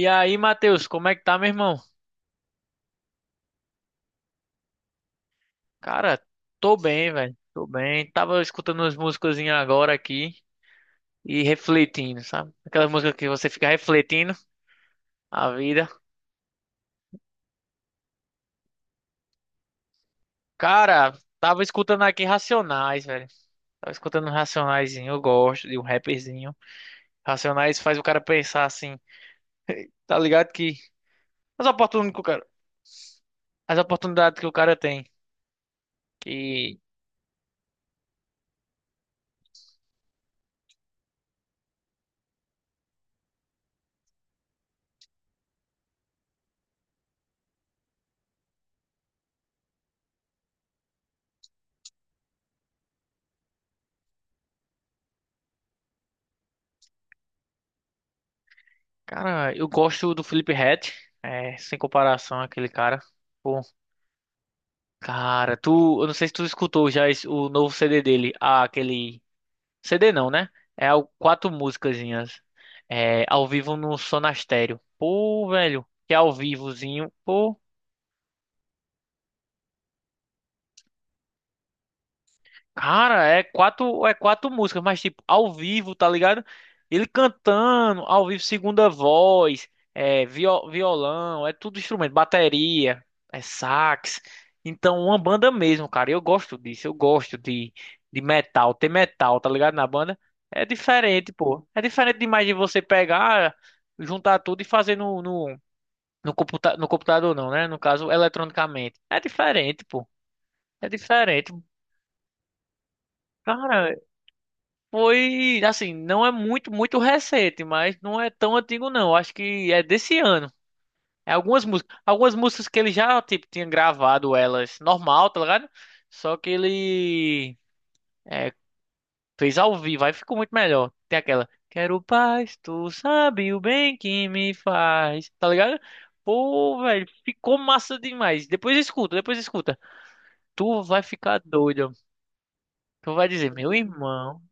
E aí, Matheus, como é que tá, meu irmão? Cara, tô bem, velho. Tô bem. Tava escutando umas musicazinhas agora aqui e refletindo, sabe? Aquelas músicas que você fica refletindo a vida. Cara, tava escutando aqui Racionais, velho. Tava escutando um Racionaizinho, eu gosto de um rapperzinho. Racionais faz o cara pensar assim, tá ligado? Que as oportunidades que o cara, as oportunidades que o cara tem. Que, cara, eu gosto do Felipe Ret, sem comparação aquele cara. Cara, tu, eu não sei se tu escutou já o novo CD dele, ah, aquele CD não, né? É o quatro musicazinhas, ao vivo no Sonastério. Pô, velho, que ao vivozinho. Cara, é quatro músicas, mas tipo, ao vivo, tá ligado? Ele cantando, ao vivo, segunda voz, é violão, é tudo instrumento, bateria, é sax. Então, uma banda mesmo, cara. Eu gosto disso, eu gosto de metal, ter metal, tá ligado? Na banda. É diferente, pô. É diferente demais de você pegar, juntar tudo e fazer no computa no computador, não, né? No caso, eletronicamente. É diferente, pô. É diferente. Cara, foi, assim, não é muito, muito recente, mas não é tão antigo não. Acho que é desse ano. É algumas músicas que ele já, tipo, tinha gravado elas normal, tá ligado? Só que ele é, fez ao vivo, aí ficou muito melhor. Tem aquela, quero paz, tu sabe o bem que me faz, tá ligado? Pô, velho, ficou massa demais. Depois escuta, depois escuta. Tu vai ficar doido. Tu vai dizer, meu irmão,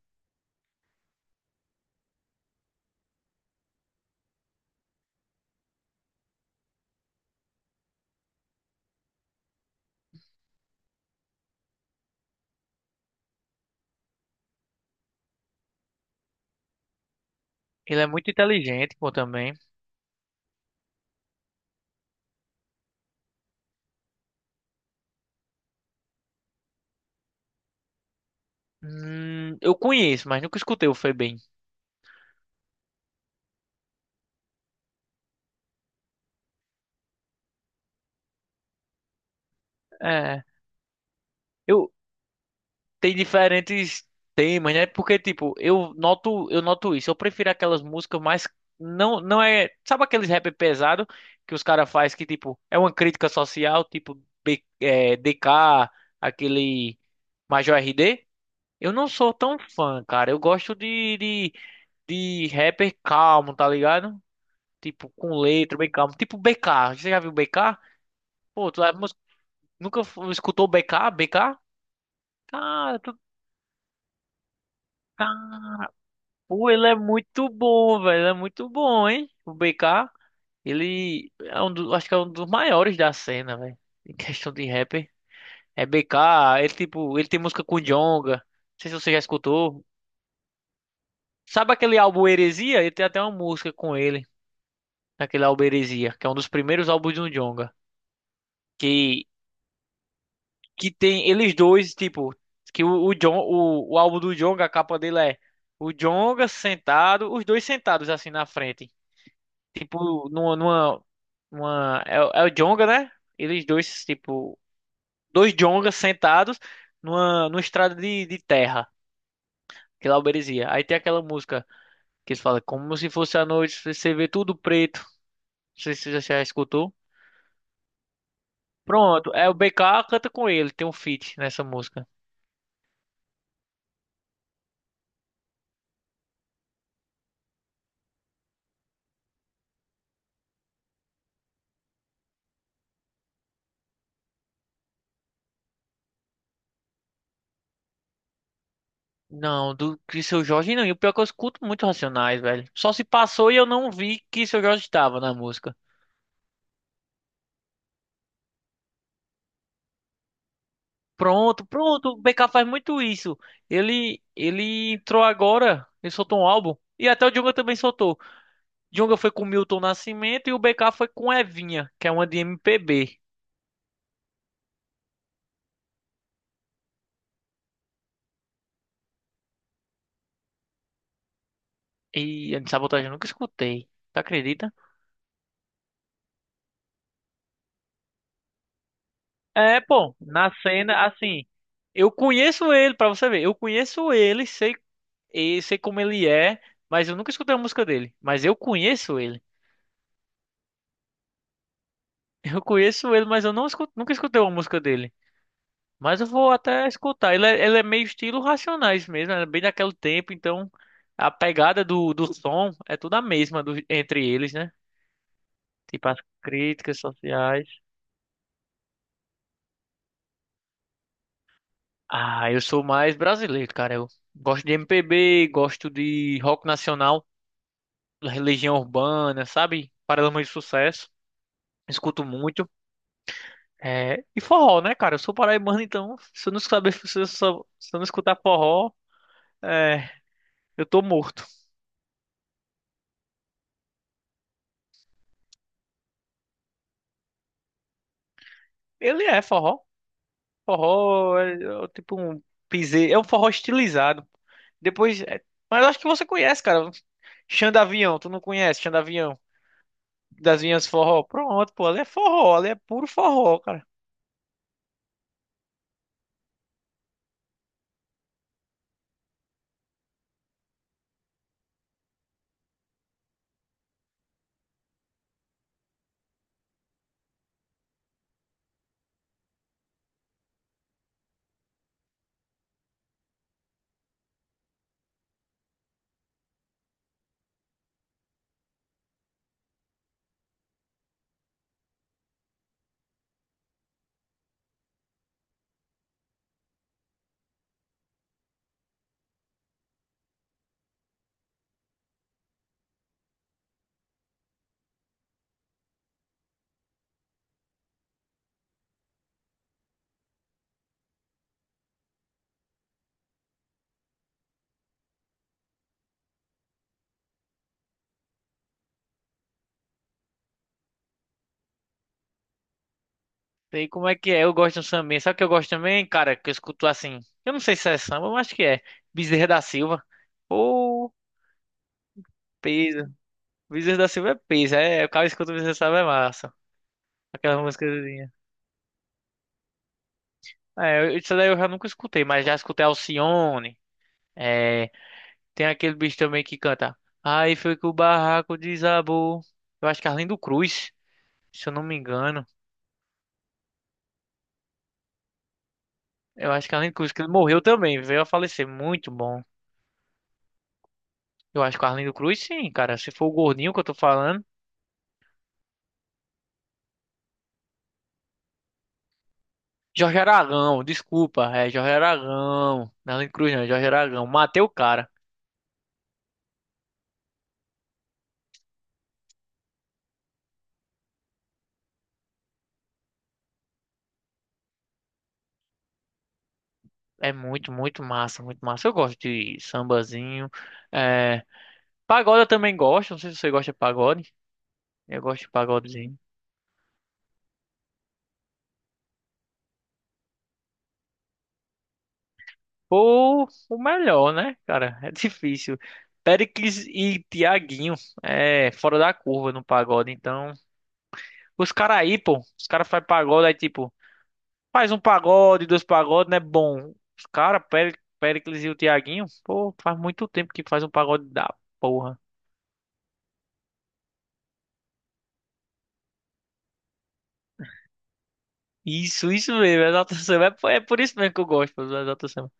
ele é muito inteligente, pô, também. Eu conheço, mas nunca escutei o Febem. É, eu tem diferentes temas, né? Porque tipo, eu noto isso. Eu prefiro aquelas músicas mais não não é, sabe aqueles rap pesado que os caras faz que tipo, é uma crítica social, tipo B, é, DK, aquele Major R D. Eu não sou tão fã, cara. Eu gosto de rapper calmo, tá ligado? Tipo, com letra, bem calmo. Tipo BK. Você já viu BK? Pô, tu, nunca escutou BK? BK? Cara, tu... tá- Pô, ele é muito bom, velho. Ele é muito bom, hein? O BK, ele é um do... acho que é um dos maiores da cena, velho. Em questão de rapper. É BK, ele tipo, ele tem música com Djonga. Não sei se você já escutou. Sabe aquele álbum Heresia? Ele tem até uma música com ele, naquele álbum Heresia, que é um dos primeiros álbuns do Djonga. Que que tem eles dois, tipo, que o John, o álbum do Jonga, a capa dele é o Jonga sentado, os dois sentados assim na frente. Tipo, é, o é o Jonga, né? Eles dois, tipo, dois Jongas sentados numa, numa estrada de terra, que lá é o Berezia. Aí tem aquela música que eles falam, como se fosse a noite, você vê tudo preto. Não sei se você já escutou. Pronto, é o BK canta com ele, tem um feat nessa música. Não, do que seu Jorge não. E o pior é que eu escuto muito Racionais, velho. Só se passou e eu não vi que seu Jorge estava na música. Pronto, pronto. O BK faz muito isso. Ele entrou agora. Ele soltou um álbum. E até o Djonga também soltou. Djonga foi com Milton Nascimento e o BK foi com Evinha, que é uma de MPB. E a de sabotagem eu nunca escutei. Tu acredita? É, pô, na cena, assim, eu conheço ele, pra você ver, eu conheço ele, sei, e sei como ele é, mas eu nunca escutei uma música dele. Mas eu conheço ele. Eu conheço ele, mas eu não nunca escutei uma música dele. Mas eu vou até escutar. Ele é meio estilo Racionais mesmo, é bem daquele tempo, então a pegada do, do som é toda a mesma entre eles, né? Tipo as críticas sociais. Ah, eu sou mais brasileiro, cara. Eu gosto de MPB, gosto de rock nacional. Legião Urbana, sabe? Paralamas de Sucesso. Escuto muito. É, e forró, né, cara? Eu sou paraibano, então se eu não saber, se eu, se eu não escutar forró, é, eu tô morto. Ele é forró. Forró é, é tipo um piseiro, é um forró estilizado. Depois, é, mas acho que você conhece, cara. Xandavião, tu não conhece Xandavião? Das Vinhas Forró? Pronto, pô, ali é forró, ali é puro forró, cara. Sei como é que é, eu gosto de um sambinha. Sabe o que eu gosto também, cara? Que eu escuto assim. Eu não sei se é samba, mas acho que é. Bezerra da Silva. Ô, peso. Bezerra da Silva é peso. É, o cara escuta o Bezerra da Silva é massa. Aquelas músicas. É, isso daí eu já nunca escutei, mas já escutei Alcione. É, tem aquele bicho também que canta. Aí foi que o barraco desabou. Eu acho que Arlindo Cruz, se eu não me engano. Eu acho que Arlindo Cruz, que ele morreu também, veio a falecer. Muito bom. Eu acho que o Arlindo Cruz, sim, cara. Se for o gordinho que eu tô falando. Jorge Aragão, desculpa, é Jorge Aragão. Não, Nela Cruz não, é Jorge Aragão. Matei o cara. É muito, muito massa, muito massa. Eu gosto de sambazinho. É, pagode eu também gosto. Não sei se você gosta de pagode. Eu gosto de pagodezinho. Pô, o melhor, né, cara? É difícil. Péricles e Tiaguinho é fora da curva no pagode. Então, os caras aí, pô, os caras fazem pagode aí, tipo. Faz um pagode, dois pagodes, né? Bom, os cara, Péricles e o Thiaguinho, pô, faz muito tempo que faz um pagode da porra. Isso mesmo, é Exalta Samba. É, por é por isso mesmo que eu gosto do Exalta Samba.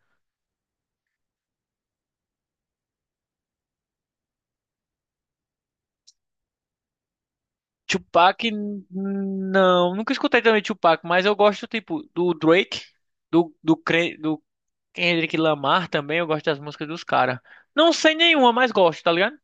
Tupac, não, nunca escutei também Tupac, mas eu gosto, tipo, do Drake, do Kendrick Lamar também, eu gosto das músicas dos caras. Não sei nenhuma, mas gosto, tá ligado?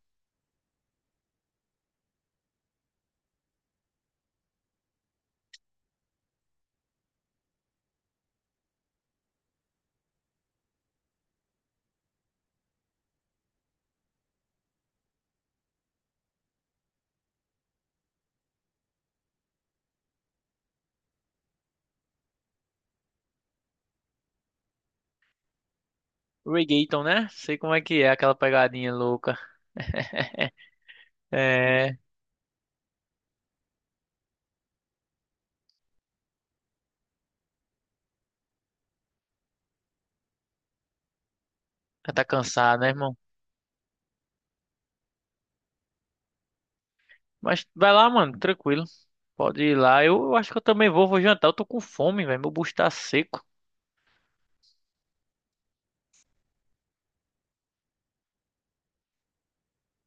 Reggaeton, né? Sei como é que é aquela pegadinha louca. É, já tá cansado, né, irmão? Mas vai lá, mano, tranquilo. Pode ir lá. Eu acho que eu também vou, vou jantar. Eu tô com fome, velho. Meu bucho tá seco.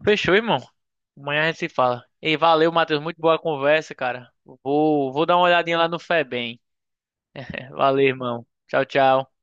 Fechou, irmão. Amanhã a gente se fala. Ei, valeu, Matheus. Muito boa conversa, cara. Vou, vou dar uma olhadinha lá no Febem. Valeu, irmão. Tchau, tchau.